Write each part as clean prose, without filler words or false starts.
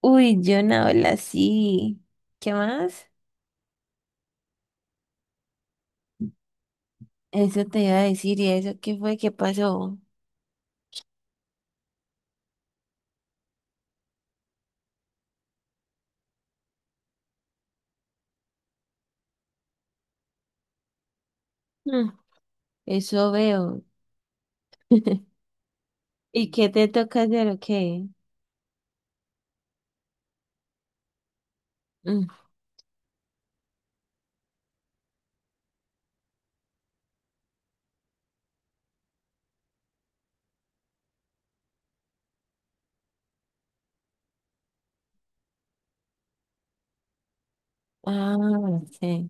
Uy, yo no hablo así. ¿Qué más? Eso te iba a decir, ¿y eso qué fue? ¿Qué pasó? Mm, eso veo. ¿Y qué te toca hacer o qué? Mm. Ah, sí.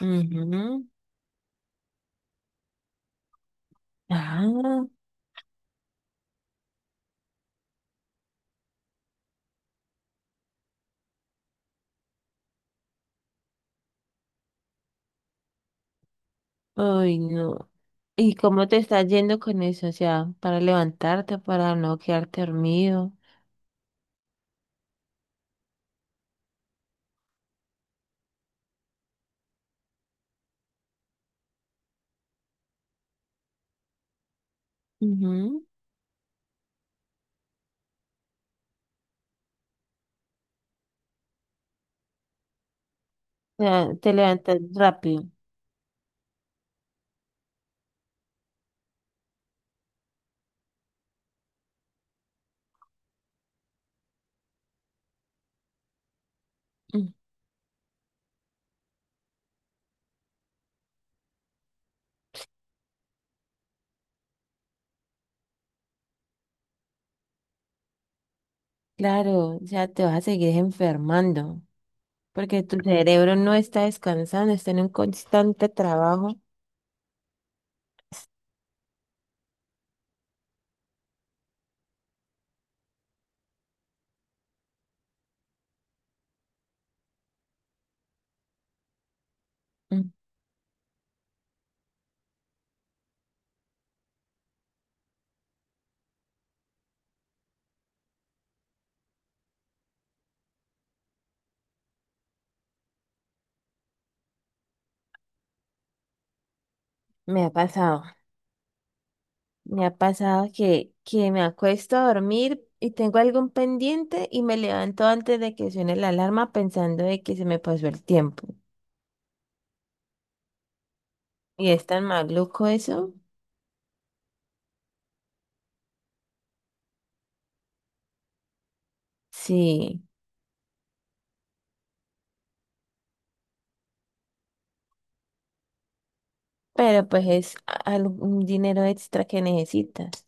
Ujú. Ah, uy, no. ¿Y cómo te estás yendo con eso? O sea, para levantarte, para no quedarte dormido. Ujú. O sea, te levantas rápido. Mm. Claro, o sea, te vas a seguir enfermando, porque tu cerebro no está descansando, está en un constante trabajo. Mm. Me ha pasado, me ha pasado que me acuesto a dormir y tengo algún pendiente y me levanto antes de que suene la alarma pensando de que se me pasó el tiempo. ¿Y es tan maluco eso? Sí, pero pues es algún dinero extra que necesitas.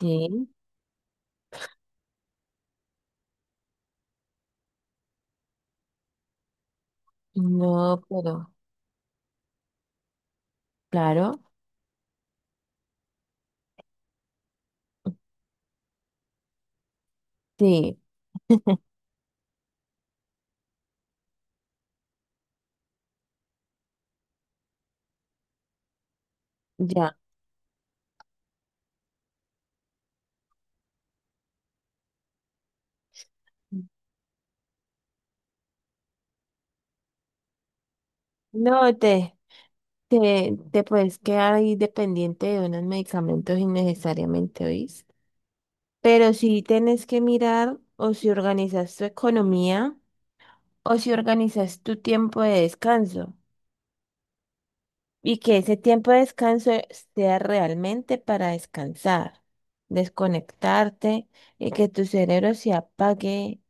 Sí, no, pero claro, sí, ya. No te... Te puedes quedar ahí dependiente de unos medicamentos innecesariamente, ¿oís? Pero si tienes que mirar, o si organizas tu economía o si organizas tu tiempo de descanso, y que ese tiempo de descanso sea realmente para descansar, desconectarte y que tu cerebro se apague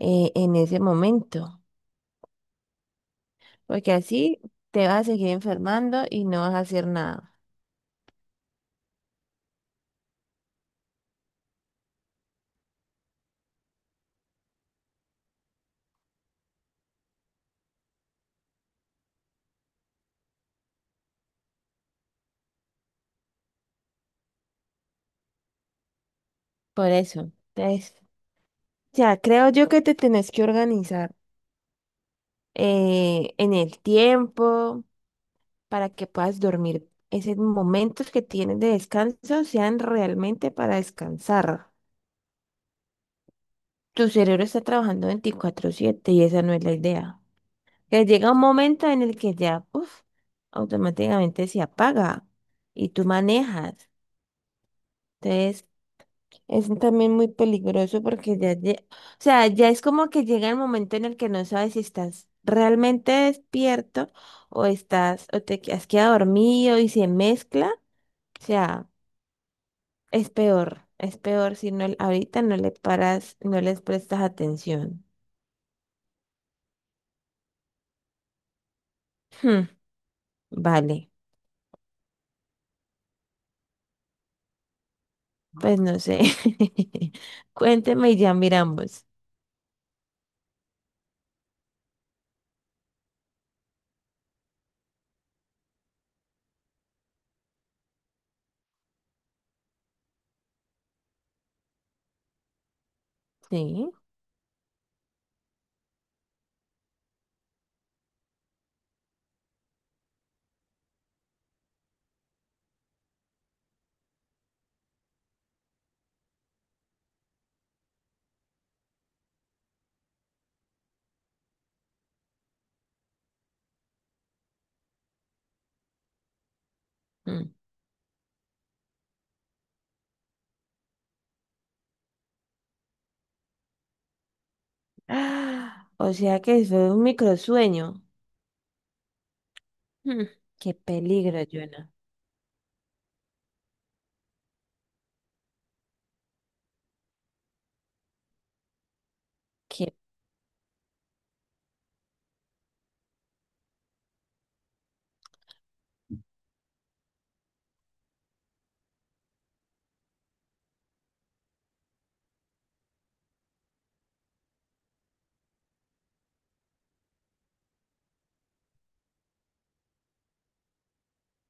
en ese momento, porque así te vas a seguir enfermando y no vas a hacer nada. Por eso, entonces, ya, creo yo que te tenés que organizar en el tiempo, para que puedas dormir. Esos momentos que tienes de descanso sean realmente para descansar. Tu cerebro está trabajando 24/7 y esa no es la idea. Que llega un momento en el que ya, uf, automáticamente se apaga y tú manejas. Entonces, es también muy peligroso porque ya, o sea, ya es como que llega el momento en el que no sabes si estás realmente despierto o estás, o has quedado dormido y se mezcla. O sea, es peor si no, ahorita no le paras, no les prestas atención. Hmm, vale, pues no sé. Cuénteme y ya miramos. Sí. Mm. Ah, o sea que fue un microsueño. Hmm, qué peligro, Jonah.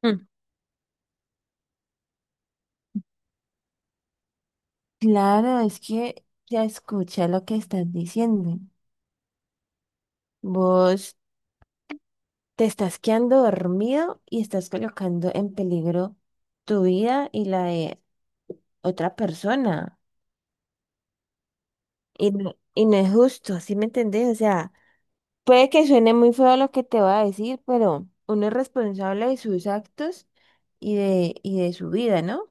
Mm. Claro, es que ya escucha lo que estás diciendo. Vos te estás quedando dormido y estás colocando en peligro tu vida y la de otra persona. Y no es justo, ¿sí me entendés? O sea, puede que suene muy feo lo que te voy a decir, pero uno es responsable de sus actos y de su vida, ¿no?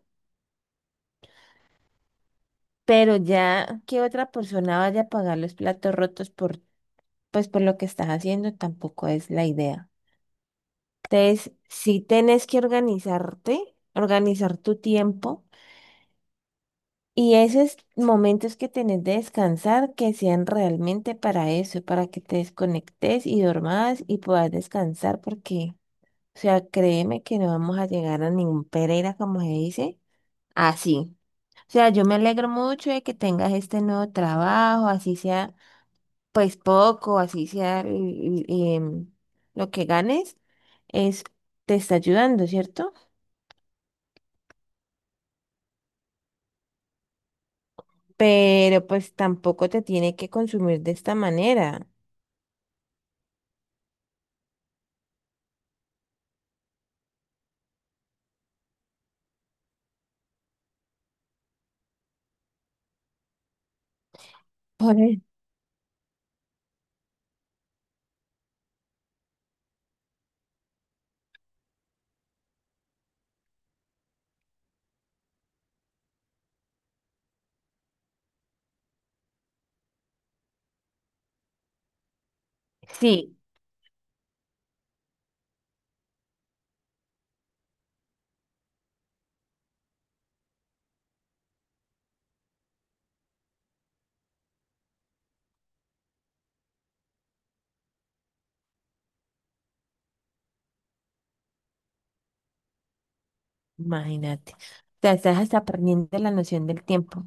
Pero ya que otra persona vaya a pagar los platos rotos por, pues, por lo que estás haciendo, tampoco es la idea. Entonces, sí tenés que organizarte, organizar tu tiempo y esos momentos que tenés de descansar que sean realmente para eso, para que te desconectes y dormas y puedas descansar porque... O sea, créeme que no vamos a llegar a ningún Pereira, como se dice, así. O sea, yo me alegro mucho de que tengas este nuevo trabajo, así sea, pues poco, así sea em, lo que ganes, es, te está ayudando, ¿cierto? Pero pues tampoco te tiene que consumir de esta manera. Por Sí, imagínate. O sea, estás hasta perdiendo la noción del tiempo.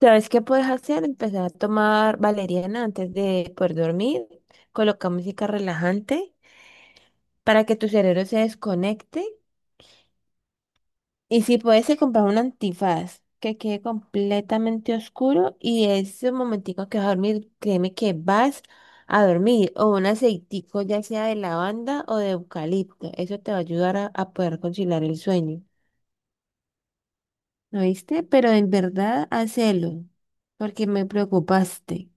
¿Sabes qué puedes hacer? Empezar a tomar valeriana antes de poder dormir. Coloca música relajante para que tu cerebro se desconecte. Y si puedes, se compra un antifaz que quede completamente oscuro y ese momentico que vas a dormir, créeme que vas a dormir. O un aceitico, ya sea de lavanda o de eucalipto. Eso te va a ayudar a poder conciliar el sueño. ¿No viste? Pero en verdad, hacelo, porque me preocupaste.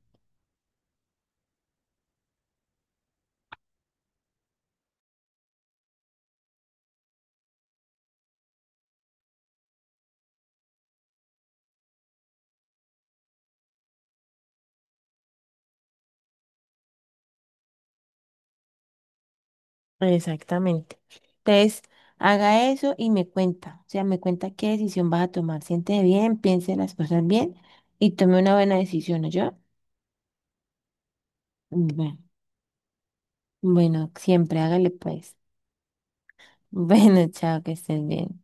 Exactamente. Entonces, haga eso y me cuenta. O sea, me cuenta qué decisión vas a tomar. Siente bien, piense las cosas bien y tome una buena decisión, ¿yo? Bueno, bueno, siempre hágale pues. Bueno, chao, que estés bien.